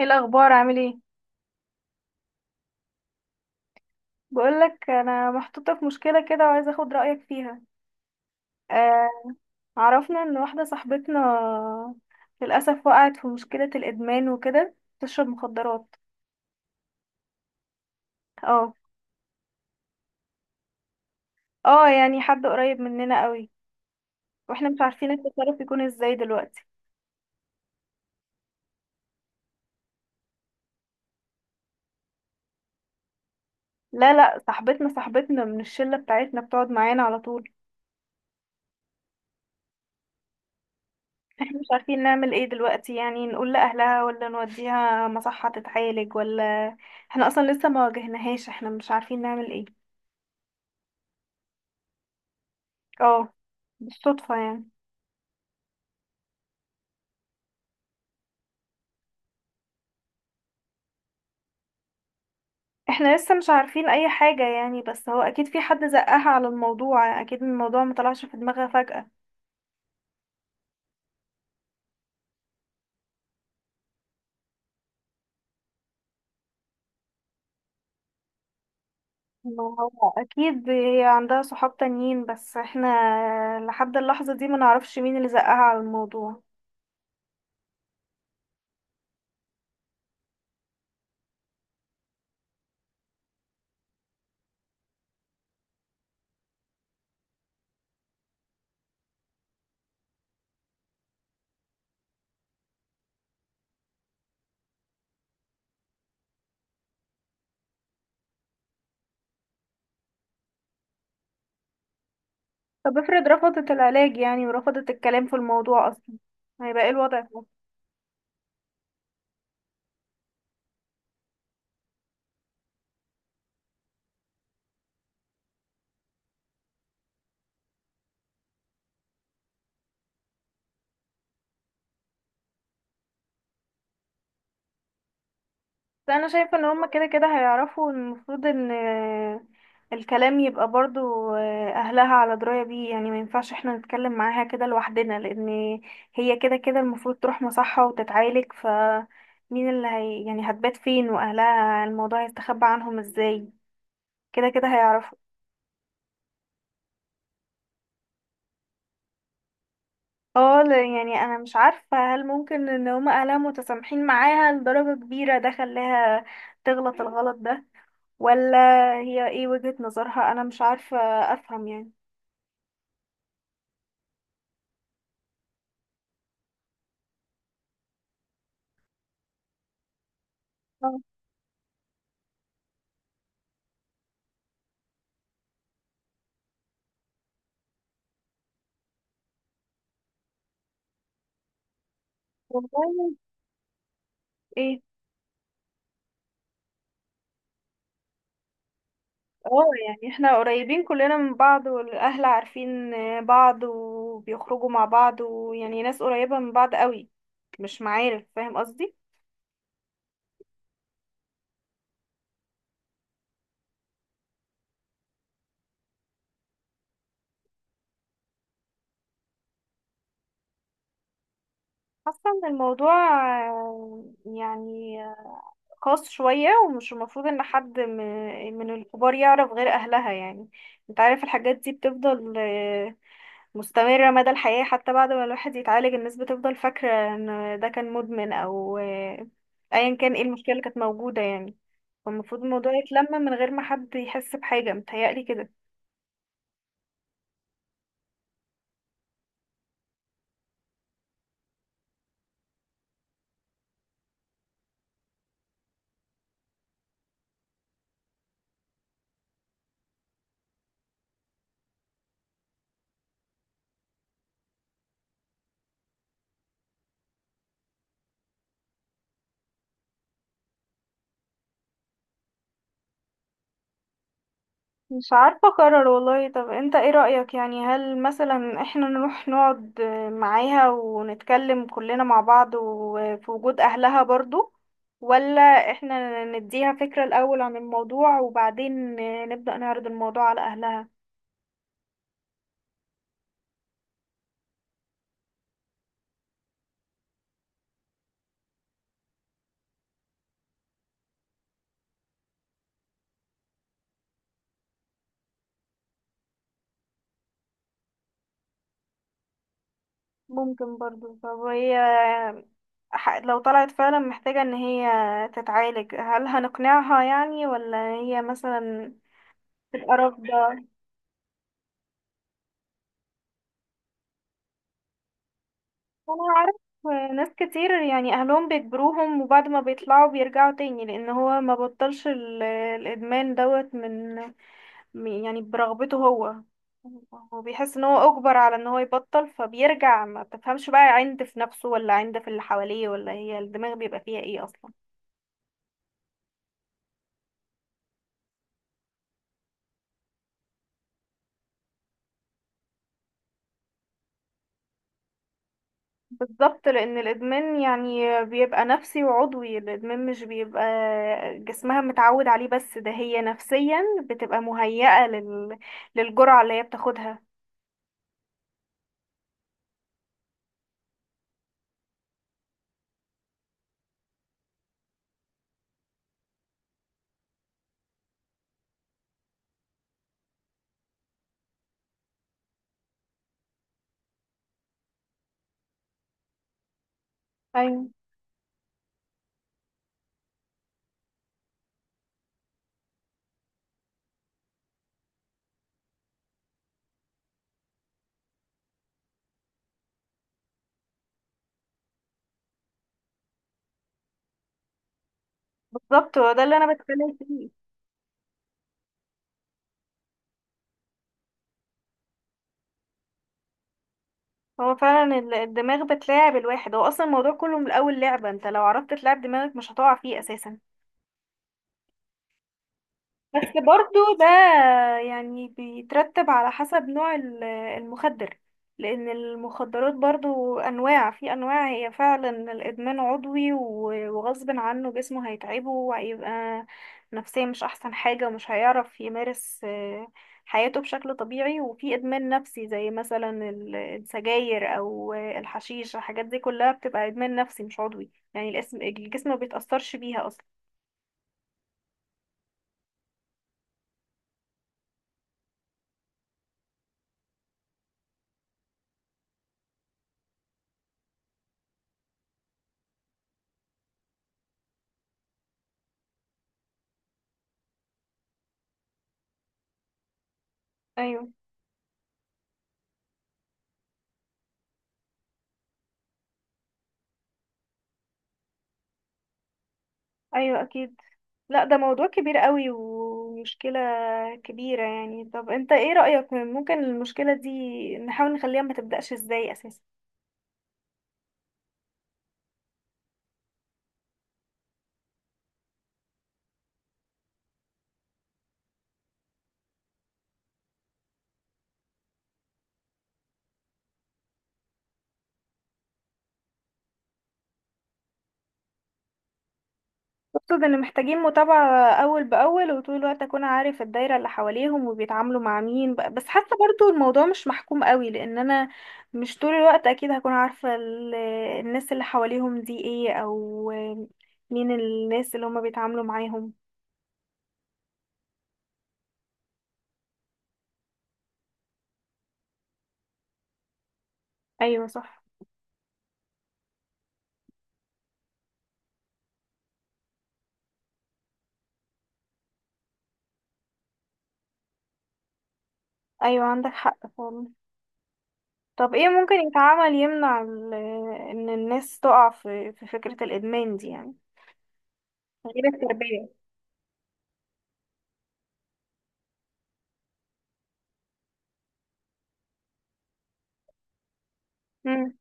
ايه الاخبار؟ عامل ايه؟ بقولك انا محطوطه في مشكله كده وعايزه اخد رايك فيها. آه. عرفنا ان واحده صاحبتنا للاسف وقعت في مشكله الادمان وكده تشرب مخدرات. اه. اه، يعني حد قريب مننا قوي، واحنا مش عارفين التصرف يكون ازاي دلوقتي. لا لا، صاحبتنا صاحبتنا من الشله بتاعتنا بتقعد معانا على طول. احنا مش عارفين نعمل ايه دلوقتي، يعني نقول لاهلها ولا نوديها مصحه تتعالج ولا. احنا اصلا لسه ما واجهناهاش، احنا مش عارفين نعمل ايه. اه، بالصدفة يعني. احنا لسه مش عارفين اي حاجة يعني، بس هو اكيد في حد زقها على الموضوع، اكيد الموضوع مطلعش في دماغها فجأة. ما هو اكيد هي عندها صحاب تانيين، بس احنا لحد اللحظة دي ما نعرفش مين اللي زقها على الموضوع. طب افرض رفضت العلاج يعني ورفضت الكلام في الموضوع اصلا، هيبقى ايه الوضع؟ بس انا شايفه ان هما كده كده هيعرفوا، المفروض ان الكلام يبقى برضو، اهلها على درايه بيه، يعني ما ينفعش احنا نتكلم معاها كده لوحدنا، لان هي كده كده المفروض تروح مصحه وتتعالج، ف مين اللي هي يعني هتبات فين واهلها؟ الموضوع هيستخبى عنهم ازاي؟ كده كده هيعرفوا. اه، يعني انا مش عارفه هل ممكن ان هما اهلها متسامحين معاها لدرجه كبيره ده خلاها تغلط الغلط ده، ولا هي ايه وجهة نظرها؟ انا مش عارفة افهم يعني. آه. والله. ايه؟ اه، يعني احنا قريبين كلنا من بعض، والاهل عارفين بعض وبيخرجوا مع بعض ويعني ناس قريبة من بعض قوي، مش معارف، فاهم قصدي. حاسة ان الموضوع يعني خاص شوية، ومش المفروض ان حد من الكبار يعرف غير اهلها يعني. انت عارف الحاجات دي بتفضل مستمرة مدى الحياة، حتى بعد ما الواحد يتعالج الناس بتفضل فاكرة ان ده كان مدمن او ايا كان ايه المشكلة اللي كانت موجودة يعني. فالمفروض الموضوع يتلم من غير ما حد يحس بحاجة، متهيألي كده. مش عارفة أقرر والله. طب انت ايه رأيك، يعني هل مثلا احنا نروح نقعد معاها ونتكلم كلنا مع بعض وفي وجود أهلها برضو، ولا احنا نديها فكرة الأول عن الموضوع وبعدين نبدأ نعرض الموضوع على أهلها؟ ممكن برضو. طب هي لو طلعت فعلا محتاجة ان هي تتعالج، هل هنقنعها يعني ولا هي مثلا تبقى رافضة؟ انا عارف ناس كتير يعني اهلهم بيجبروهم، وبعد ما بيطلعوا بيرجعوا تاني، لان هو ما بطلش الادمان دوت من يعني برغبته هو، هو بيحس ان هو اجبر على ان هو يبطل فبيرجع، ما تفهمش بقى عند في نفسه ولا عند في اللي حواليه ولا هي الدماغ بيبقى فيها ايه اصلا. بالظبط، لان الادمان يعني بيبقى نفسي وعضوي، الادمان مش بيبقى جسمها متعود عليه بس، ده هي نفسيا بتبقى مهيئة للجرعة اللي هي بتاخدها. ايوه، بالظبط، هو ده اللي انا بتكلم فيه. هو فعلا الدماغ بتلاعب الواحد، هو اصلا الموضوع كله من الاول لعبة، انت لو عرفت تلعب دماغك مش هتقع فيه اساسا. بس برضو ده يعني بيترتب على حسب نوع المخدر، لأن المخدرات برضو أنواع في أنواع. هي فعلا الإدمان عضوي وغصب عنه جسمه هيتعبه وهيبقى نفسيا مش أحسن حاجة، ومش هيعرف يمارس حياته بشكل طبيعي. وفي إدمان نفسي زي مثلا السجاير أو الحشيش، الحاجات دي كلها بتبقى إدمان نفسي مش عضوي، يعني الاسم، الجسم ما بيتأثرش بيها أصلا. أيوه. أيوه، أكيد. لا، ده موضوع كبير قوي ومشكلة كبيرة يعني. طب انت ايه رأيك، ممكن المشكلة دي نحاول نخليها ما تبدأش ازاي اساسا؟ اقصد ان محتاجين متابعة اول باول، وطول الوقت اكون عارف الدايرة اللي حواليهم وبيتعاملوا مع مين، بس حاسة برضو الموضوع مش محكوم قوي، لان انا مش طول الوقت اكيد هكون عارفة الناس اللي حواليهم دي ايه، او مين الناس اللي هما بيتعاملوا معاهم. ايوه، صح. ايوه، عندك حق فعلا. طب ايه ممكن يتعمل يمنع ان الناس تقع في فكرة الادمان دي، يعني غير التربية؟ امم.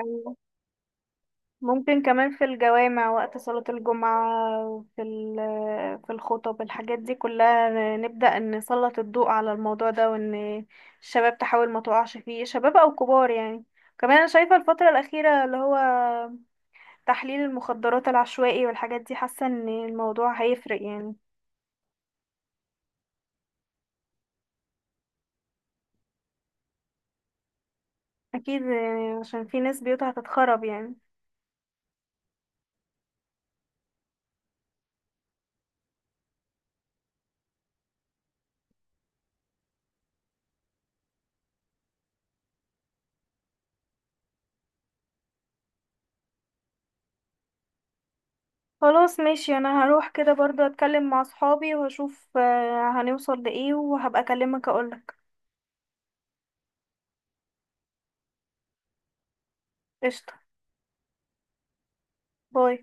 أيوة. ممكن كمان في الجوامع وقت صلاة الجمعة في في الخطب، الحاجات دي كلها نبدأ نسلط الضوء على الموضوع ده، وان الشباب تحاول ما تقعش فيه، شباب او كبار يعني. كمان انا شايفة الفترة الأخيرة اللي هو تحليل المخدرات العشوائي والحاجات دي، حاسة ان الموضوع هيفرق يعني. اكيد يعني عشان في ناس بيوتها هتتخرب يعني. خلاص ماشي، انا هروح كده برضو اتكلم مع صحابي واشوف هنوصل لايه، وهبقى اكلمك اقولك. قشطة. باي.